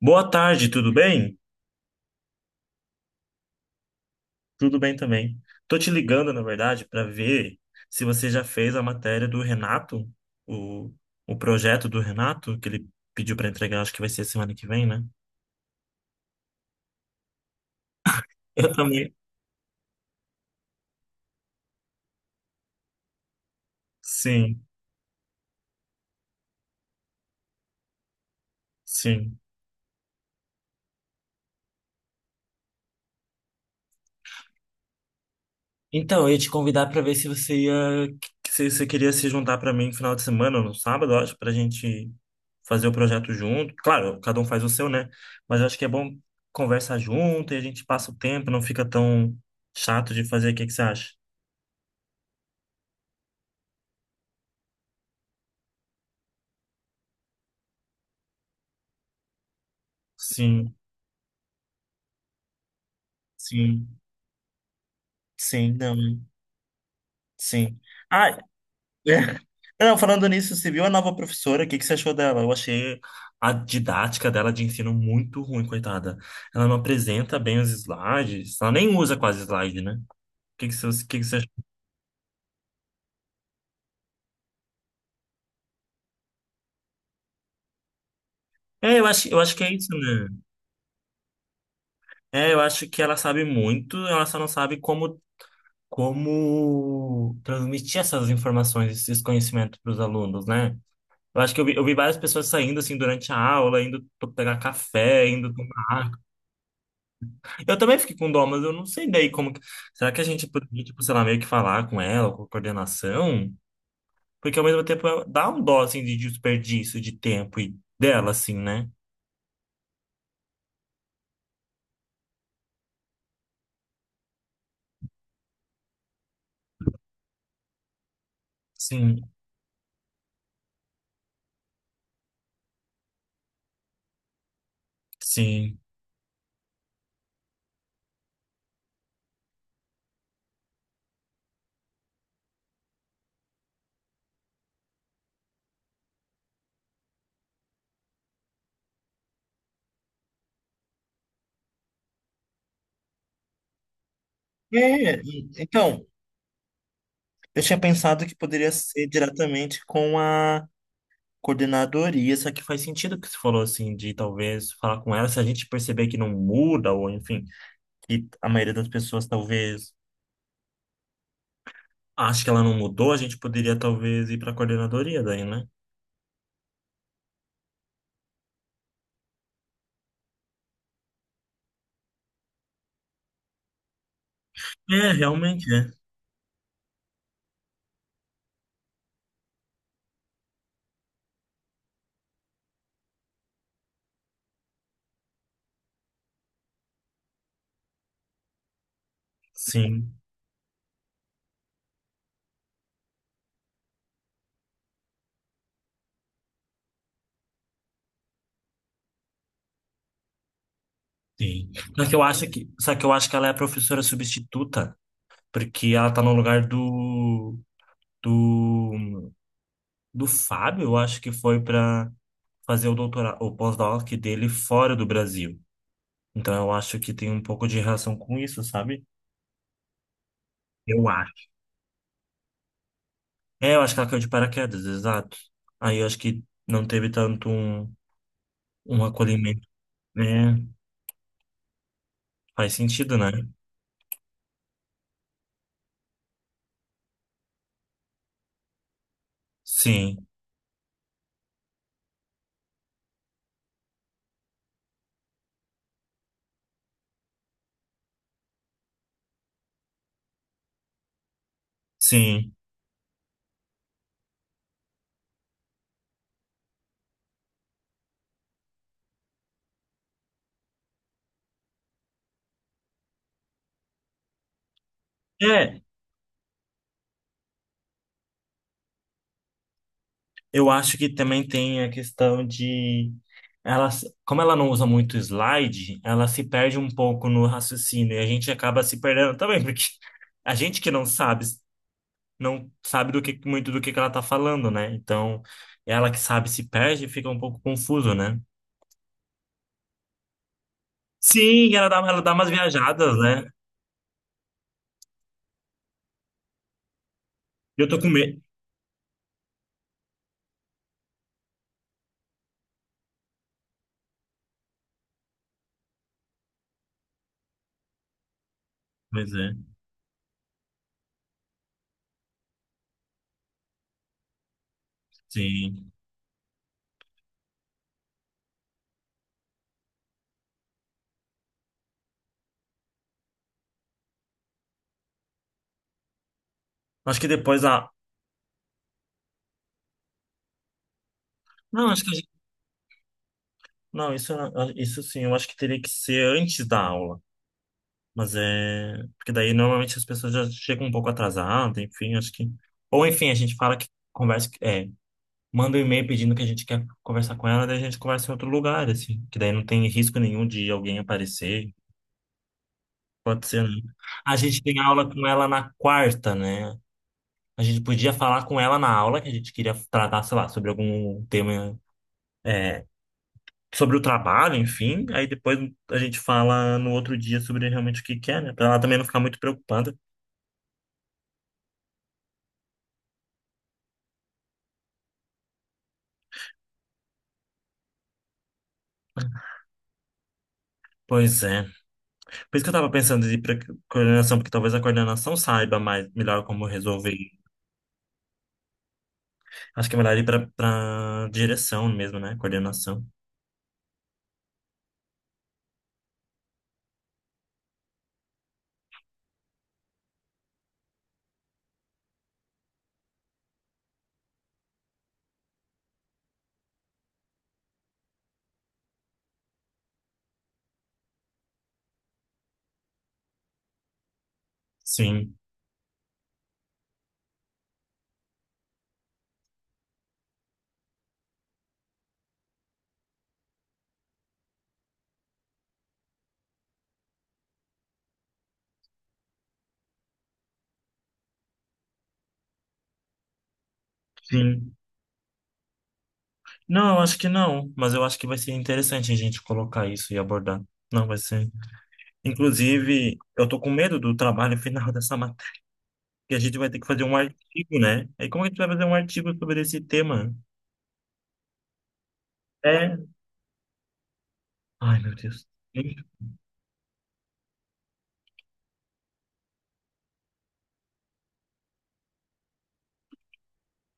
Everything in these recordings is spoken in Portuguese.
Boa tarde, tudo bem? Tudo bem também. Tô te ligando, na verdade, para ver se você já fez a matéria do Renato, o, o projeto do Renato, que ele pediu para entregar, acho que vai ser semana que vem, né? Eu também. Sim, sim. Então, eu ia te convidar para ver se você ia, se você queria se juntar para mim no final de semana, no sábado, acho, para a gente fazer o projeto junto. Claro, cada um faz o seu, né? Mas eu acho que é bom conversar junto e a gente passa o tempo, não fica tão chato de fazer. O que que você acha? Sim, sim, sim, não, sim. Ah, é. Não, falando nisso, você viu a nova professora? O que que você achou dela? Eu achei a didática dela de ensino muito ruim, coitada. Ela não apresenta bem os slides, ela nem usa quase slide, né? O que que você achou? É, eu acho que é isso, né? É, eu acho que ela sabe muito, ela só não sabe como transmitir essas informações, esses conhecimentos para os alunos, né? Eu acho que eu vi várias pessoas saindo assim durante a aula, indo pegar café, indo tomar água. Eu também fiquei com dó, mas eu não sei daí como. Será que a gente poderia, tipo, sei lá, meio que falar com ela, com a coordenação? Porque ao mesmo tempo dá um dó assim de desperdício de tempo e dela, assim, né? Sim, sim. É, então, eu tinha pensado que poderia ser diretamente com a coordenadoria, só que faz sentido o que você falou assim, de talvez falar com ela, se a gente perceber que não muda, ou enfim, que a maioria das pessoas talvez acha que ela não mudou, a gente poderia talvez ir para a coordenadoria daí, né? É, realmente é. Sim, sim. Só que eu acho que, só que eu acho que ela é a professora substituta, porque ela tá no lugar do do Fábio, eu acho que foi para fazer o doutorado, o pós-doc dele fora do Brasil. Então eu acho que tem um pouco de relação com isso, sabe? Eu acho. É, eu acho que ela caiu de paraquedas, exato. Aí eu acho que não teve tanto um acolhimento. É, faz sentido, né? Sim, sim. É, eu acho que também tem a questão de ela, como ela não usa muito slide, ela se perde um pouco no raciocínio e a gente acaba se perdendo também, porque a gente que não sabe do que muito do que ela tá falando, né? Então, ela que sabe se perde e fica um pouco confuso, né? Sim, ela dá umas viajadas, né? Eu tô com medo. Pois é, sim. Acho que depois a. Não, acho que. Não, isso, isso sim, eu acho que teria que ser antes da aula. Mas é. Porque daí normalmente as pessoas já chegam um pouco atrasadas, enfim, acho que. Ou enfim, a gente fala que conversa. É, manda um e-mail pedindo que a gente quer conversar com ela, daí a gente conversa em outro lugar, assim. Que daí não tem risco nenhum de alguém aparecer. Pode ser, né? A gente tem aula com ela na quarta, né? A gente podia falar com ela na aula, que a gente queria tratar, sei lá, sobre algum tema. É, sobre o trabalho, enfim. Aí depois a gente fala no outro dia sobre realmente o que que é, né? Pra ela também não ficar muito preocupada. Pois é. Por isso que eu tava pensando em ir pra coordenação, porque talvez a coordenação saiba mais, melhor como resolver. Acho que é melhor ir pra direção mesmo, né? Coordenação. Sim, sim. Não, eu acho que não, mas eu acho que vai ser interessante a gente colocar isso e abordar. Não, vai ser. Inclusive, eu tô com medo do trabalho final dessa matéria. Que a gente vai ter que fazer um artigo, né? Aí como é que a gente vai fazer um artigo sobre esse tema? É. Ai, meu Deus.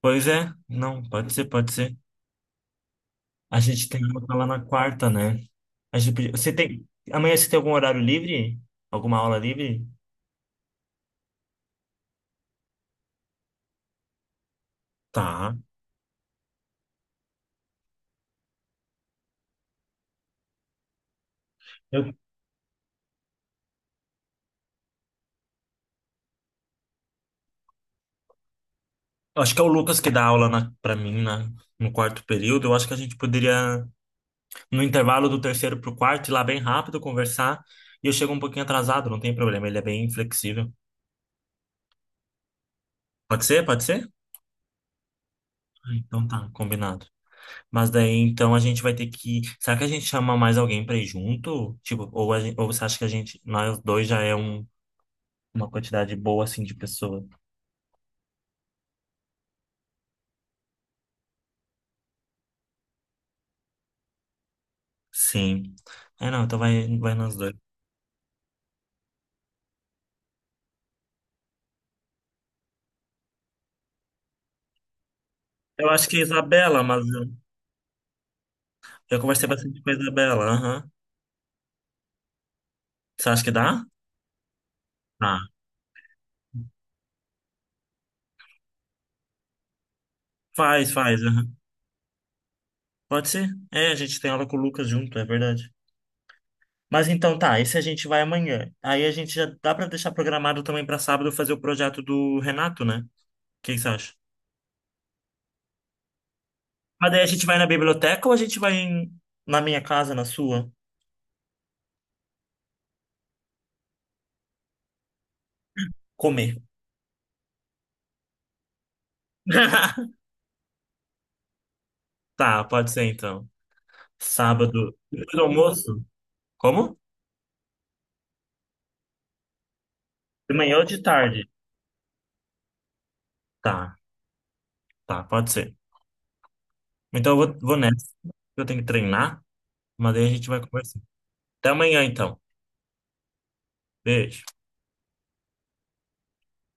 Pois é, não, pode ser, pode ser. A gente tem aula lá na quarta, né? Você tem. Amanhã você tem algum horário livre? Alguma aula livre? Tá. Eu acho que é o Lucas que dá aula para mim no quarto período. Eu acho que a gente poderia, no intervalo do terceiro pro quarto, ir lá bem rápido, conversar. E eu chego um pouquinho atrasado, não tem problema. Ele é bem flexível. Pode ser? Pode ser? Ah, então tá, combinado. Mas daí então a gente vai ter que. Será que a gente chama mais alguém pra ir junto? Tipo, ou você acha que a gente, nós dois já é uma quantidade boa assim de pessoa? Sim. É, não, então vai, vai nós dois. Eu acho que é Isabela, mas eu conversei bastante com a Isabela. Aham. Você acha que dá? Tá. Faz, faz. Aham. Pode ser? É, a gente tem aula com o Lucas junto, é verdade. Mas então tá, esse a gente vai amanhã. Aí a gente já dá pra deixar programado também pra sábado fazer o projeto do Renato, né? O que que você acha? Mas daí a gente vai na biblioteca ou a gente vai na minha casa, na sua, comer? Tá, pode ser então. Sábado, depois do almoço? Como? De manhã ou de tarde? Tá, tá, pode ser. Então eu vou, vou nessa. Eu tenho que treinar, mas daí a gente vai conversar. Até amanhã então. Beijo.